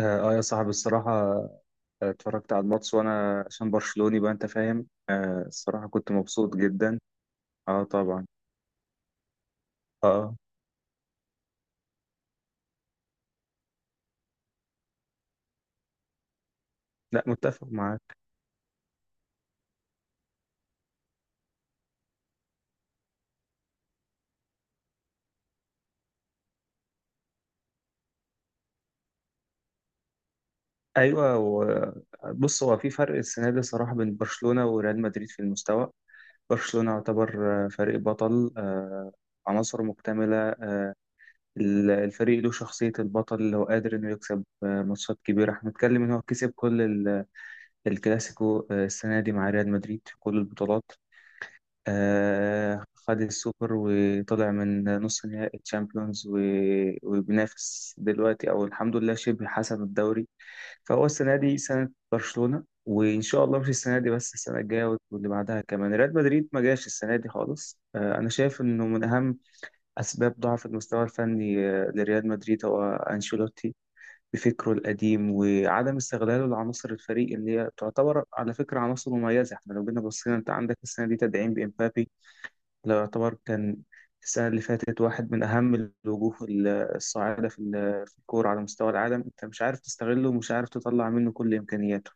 اه آه يا صاحبي الصراحة. اتفرجت على الماتش وانا عشان برشلوني بقى، انت فاهم، الصراحة كنت مبسوط جدا. اه طبعا. اه آه. لا، متفق معاك. ايوه و- بص، هو في فرق السنة دي صراحة بين برشلونة وريال مدريد في المستوى. برشلونة يعتبر فريق بطل، عناصره مكتملة. الفريق له شخصية البطل اللي هو قادر انه يكسب ماتشات كبيرة. احنا بنتكلم ان هو كسب كل الكلاسيكو السنة دي مع ريال مدريد في كل البطولات. خد السوبر وطلع من نص نهائي الشامبيونز وبينافس دلوقتي، او الحمد لله شبه حسم الدوري. فهو السنه دي سنه برشلونه، وان شاء الله مش السنه دي بس، السنه الجايه واللي بعدها كمان. ريال مدريد ما جاش السنه دي خالص. انا شايف انه من اهم اسباب ضعف المستوى الفني لريال مدريد هو انشيلوتي بفكره القديم وعدم استغلاله لعناصر الفريق اللي هي تعتبر على فكره عناصر مميزه. احنا لو جينا بصينا، انت عندك السنه دي تدعيم بامبابي. لو يعتبر كان السنة اللي فاتت واحد من أهم الوجوه الصاعدة في في الكورة على مستوى العالم، أنت مش عارف تستغله ومش عارف تطلع منه كل إمكانياته.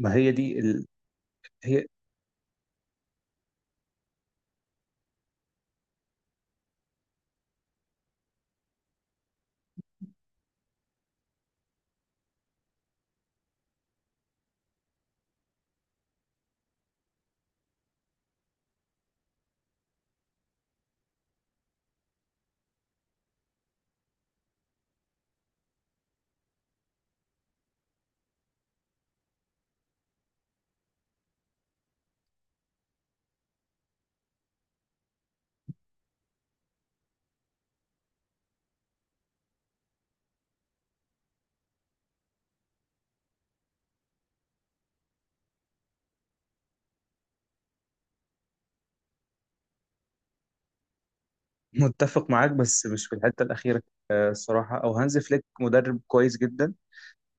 ما هي دي ال... هي متفق معاك، بس مش في الحتة الأخيرة. الصراحة أو هانز فليك مدرب كويس جدا.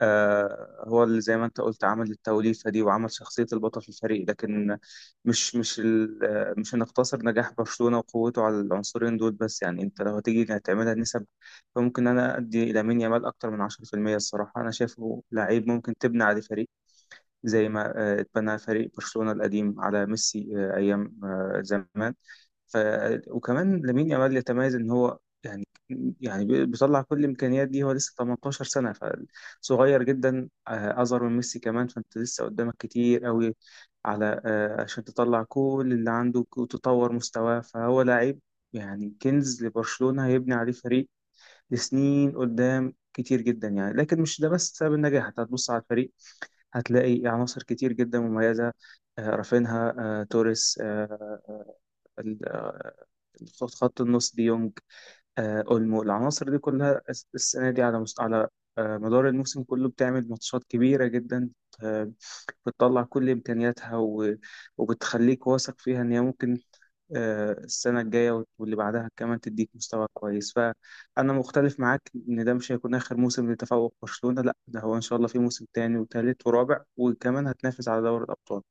هو اللي زي ما انت قلت عمل التوليفة دي وعمل شخصية البطل في الفريق، لكن مش مش ال- آه، مش هنقتصر نجاح برشلونة وقوته على العنصرين دول بس. يعني انت لو هتيجي هتعملها نسب، فممكن انا ادي لامين يامال اكتر من 10%. الصراحة انا شايفه لعيب ممكن تبني عليه فريق، زي ما اتبنى فريق برشلونة القديم على ميسي ايام زمان. ف... وكمان لامين يامال يتميز ان هو، يعني، بيطلع كل الامكانيات دي. هو لسه 18 سنه، فصغير جدا، اصغر من ميسي كمان. فانت لسه قدامك كتير قوي على، عشان تطلع كل اللي عندك وتطور مستواه. فهو لاعب يعني كنز لبرشلونه، هيبني عليه فريق لسنين قدام كتير جدا يعني. لكن مش ده بس سبب النجاح. انت هتبص على الفريق هتلاقي عناصر كتير جدا مميزه: رافينها، توريس، خط النص دي يونج، اولمو. العناصر دي كلها السنه دي على على مدار الموسم كله بتعمل ماتشات كبيره جدا، آه، بتطلع كل امكانياتها وبتخليك واثق فيها ان هي ممكن السنه الجايه واللي بعدها كمان تديك مستوى كويس. فانا مختلف معاك ان ده مش هيكون اخر موسم لتفوق برشلونه، لا ده هو ان شاء الله في موسم تاني وتالت ورابع، وكمان هتنافس على دوري الابطال.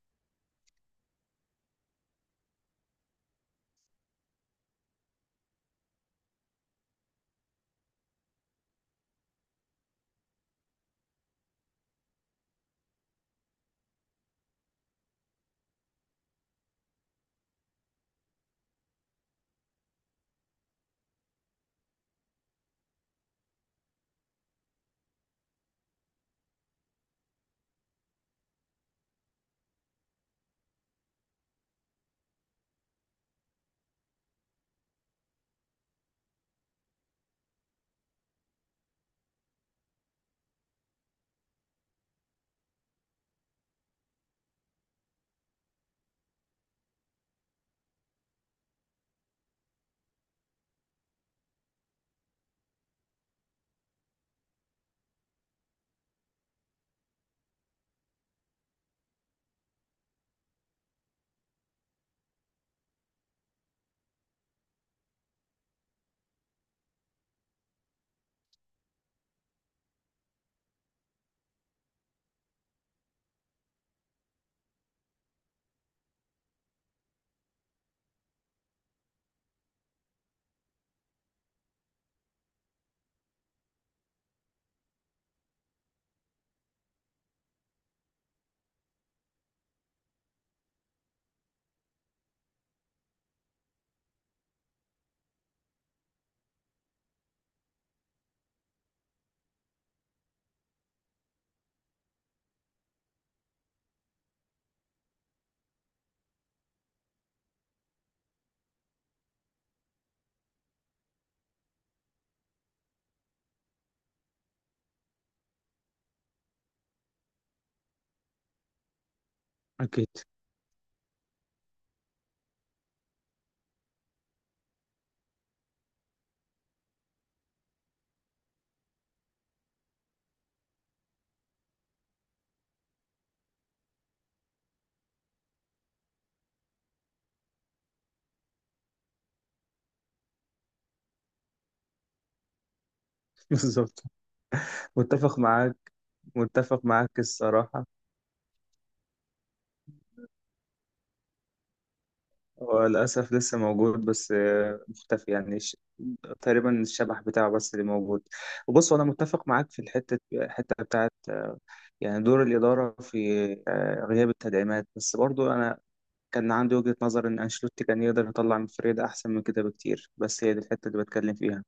اكيد. بالظبط. متفق معاك. متفق معاك الصراحه. هو للأسف لسه موجود بس مختفي يعني تقريبا الشبح بتاعه بس اللي موجود. وبص، أنا متفق معاك في الحتة بتاعت يعني دور الإدارة في غياب التدعيمات. بس برضو أنا كان عندي وجهة نظر إن أنشيلوتي كان يقدر يطلع من فريد أحسن من كده بكتير، بس هي دي الحتة اللي بتكلم فيها.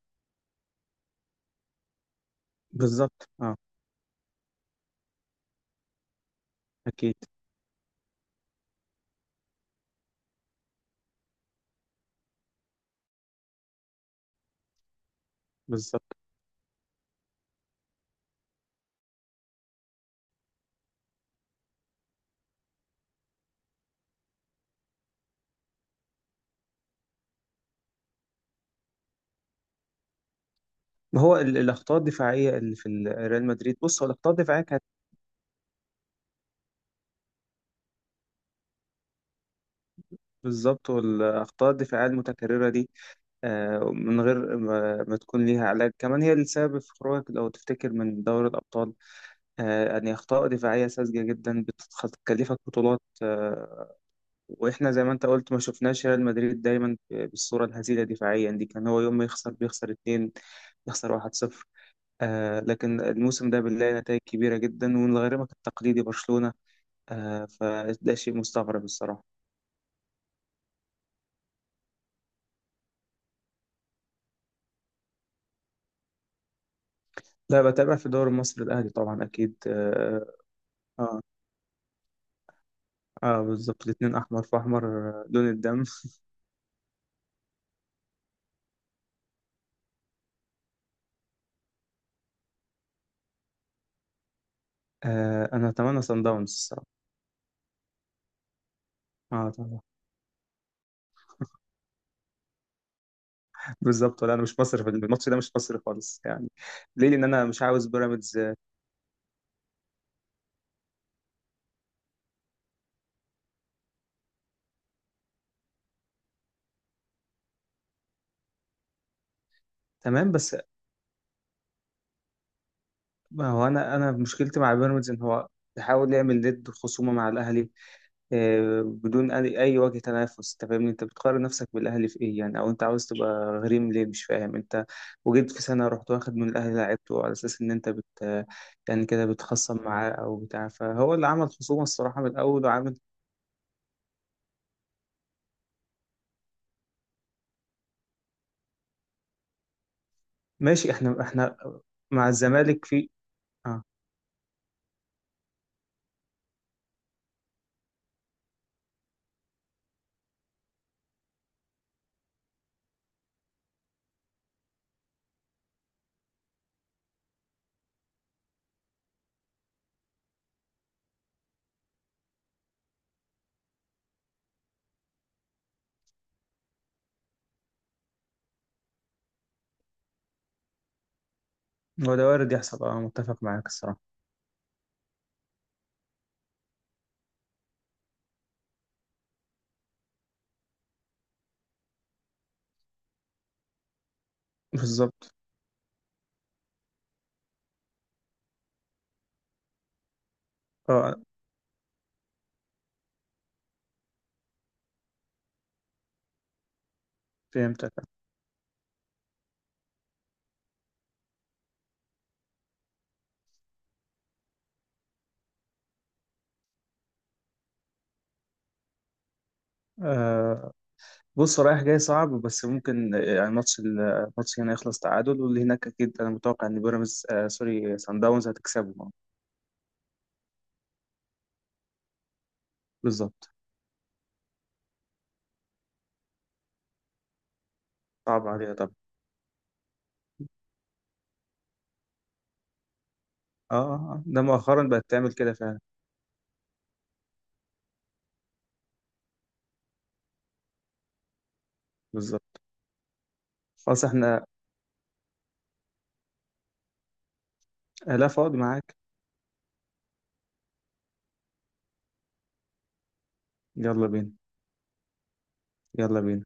بالظبط اه. أكيد. بالظبط. ما هو الأخطاء الدفاعية اللي في ريال مدريد، بص هو الأخطاء الدفاعية كانت. بالظبط. والأخطاء الدفاعية المتكررة دي، من غير ما تكون ليها علاج كمان، هي السبب في خروجك لو تفتكر من دوري الأبطال. يعني أخطاء دفاعية ساذجة جدا بتكلفك بطولات، وإحنا زي ما أنت قلت ما شفناش ريال مدريد دايما بالصورة الهزيلة دفاعيا دي. كان هو يوم ما يخسر بيخسر اتنين، يخسر واحد صفر، لكن الموسم ده بنلاقي نتائج كبيرة جدا ومن غريمك التقليدي برشلونة. فده شيء مستغرب الصراحة. لا، بتابع في الدوري المصري، الأهلي طبعا أكيد آه. اه بالظبط، الاتنين احمر في احمر، لون الدم. آه، انا اتمنى سان داونز الصراحة. اه طبعا، بالظبط. ولا انا مش مصري في الماتش ده، مش مصري خالص يعني. ليه؟ لان انا مش عاوز بيراميدز تمام بس ما هو انا مشكلتي مع بيراميدز ان هو بيحاول يعمل ند خصومه مع الاهلي بدون اي، أي وجه تنافس. انت فاهمني، انت بتقارن نفسك بالاهلي في ايه يعني؟ او انت عاوز تبقى غريم ليه؟ مش فاهم انت. وجيت في سنه رحت واخد من الاهلي لعبته على اساس ان انت بت، يعني كده بتخصم معاه او بتاع، فهو اللي عمل خصومه الصراحه من الاول وعامل. ماشي، احنا مع الزمالك في، اه. هو ده وارد يحصل، اه متفق معاك الصراحه. بالظبط اه. فهمتك. آه، بص رايح جاي صعب، بس ممكن يعني ماتش الماتش هنا يخلص تعادل، واللي هناك اكيد انا متوقع ان بيراميدز آه سوري سان داونز هتكسبه بالظبط. صعب عليها طبعا. ده مؤخرا بقت تعمل كده فعلا. بالظبط. خلاص احنا. لا، فاضي معاك. يلا بينا. يلا بينا.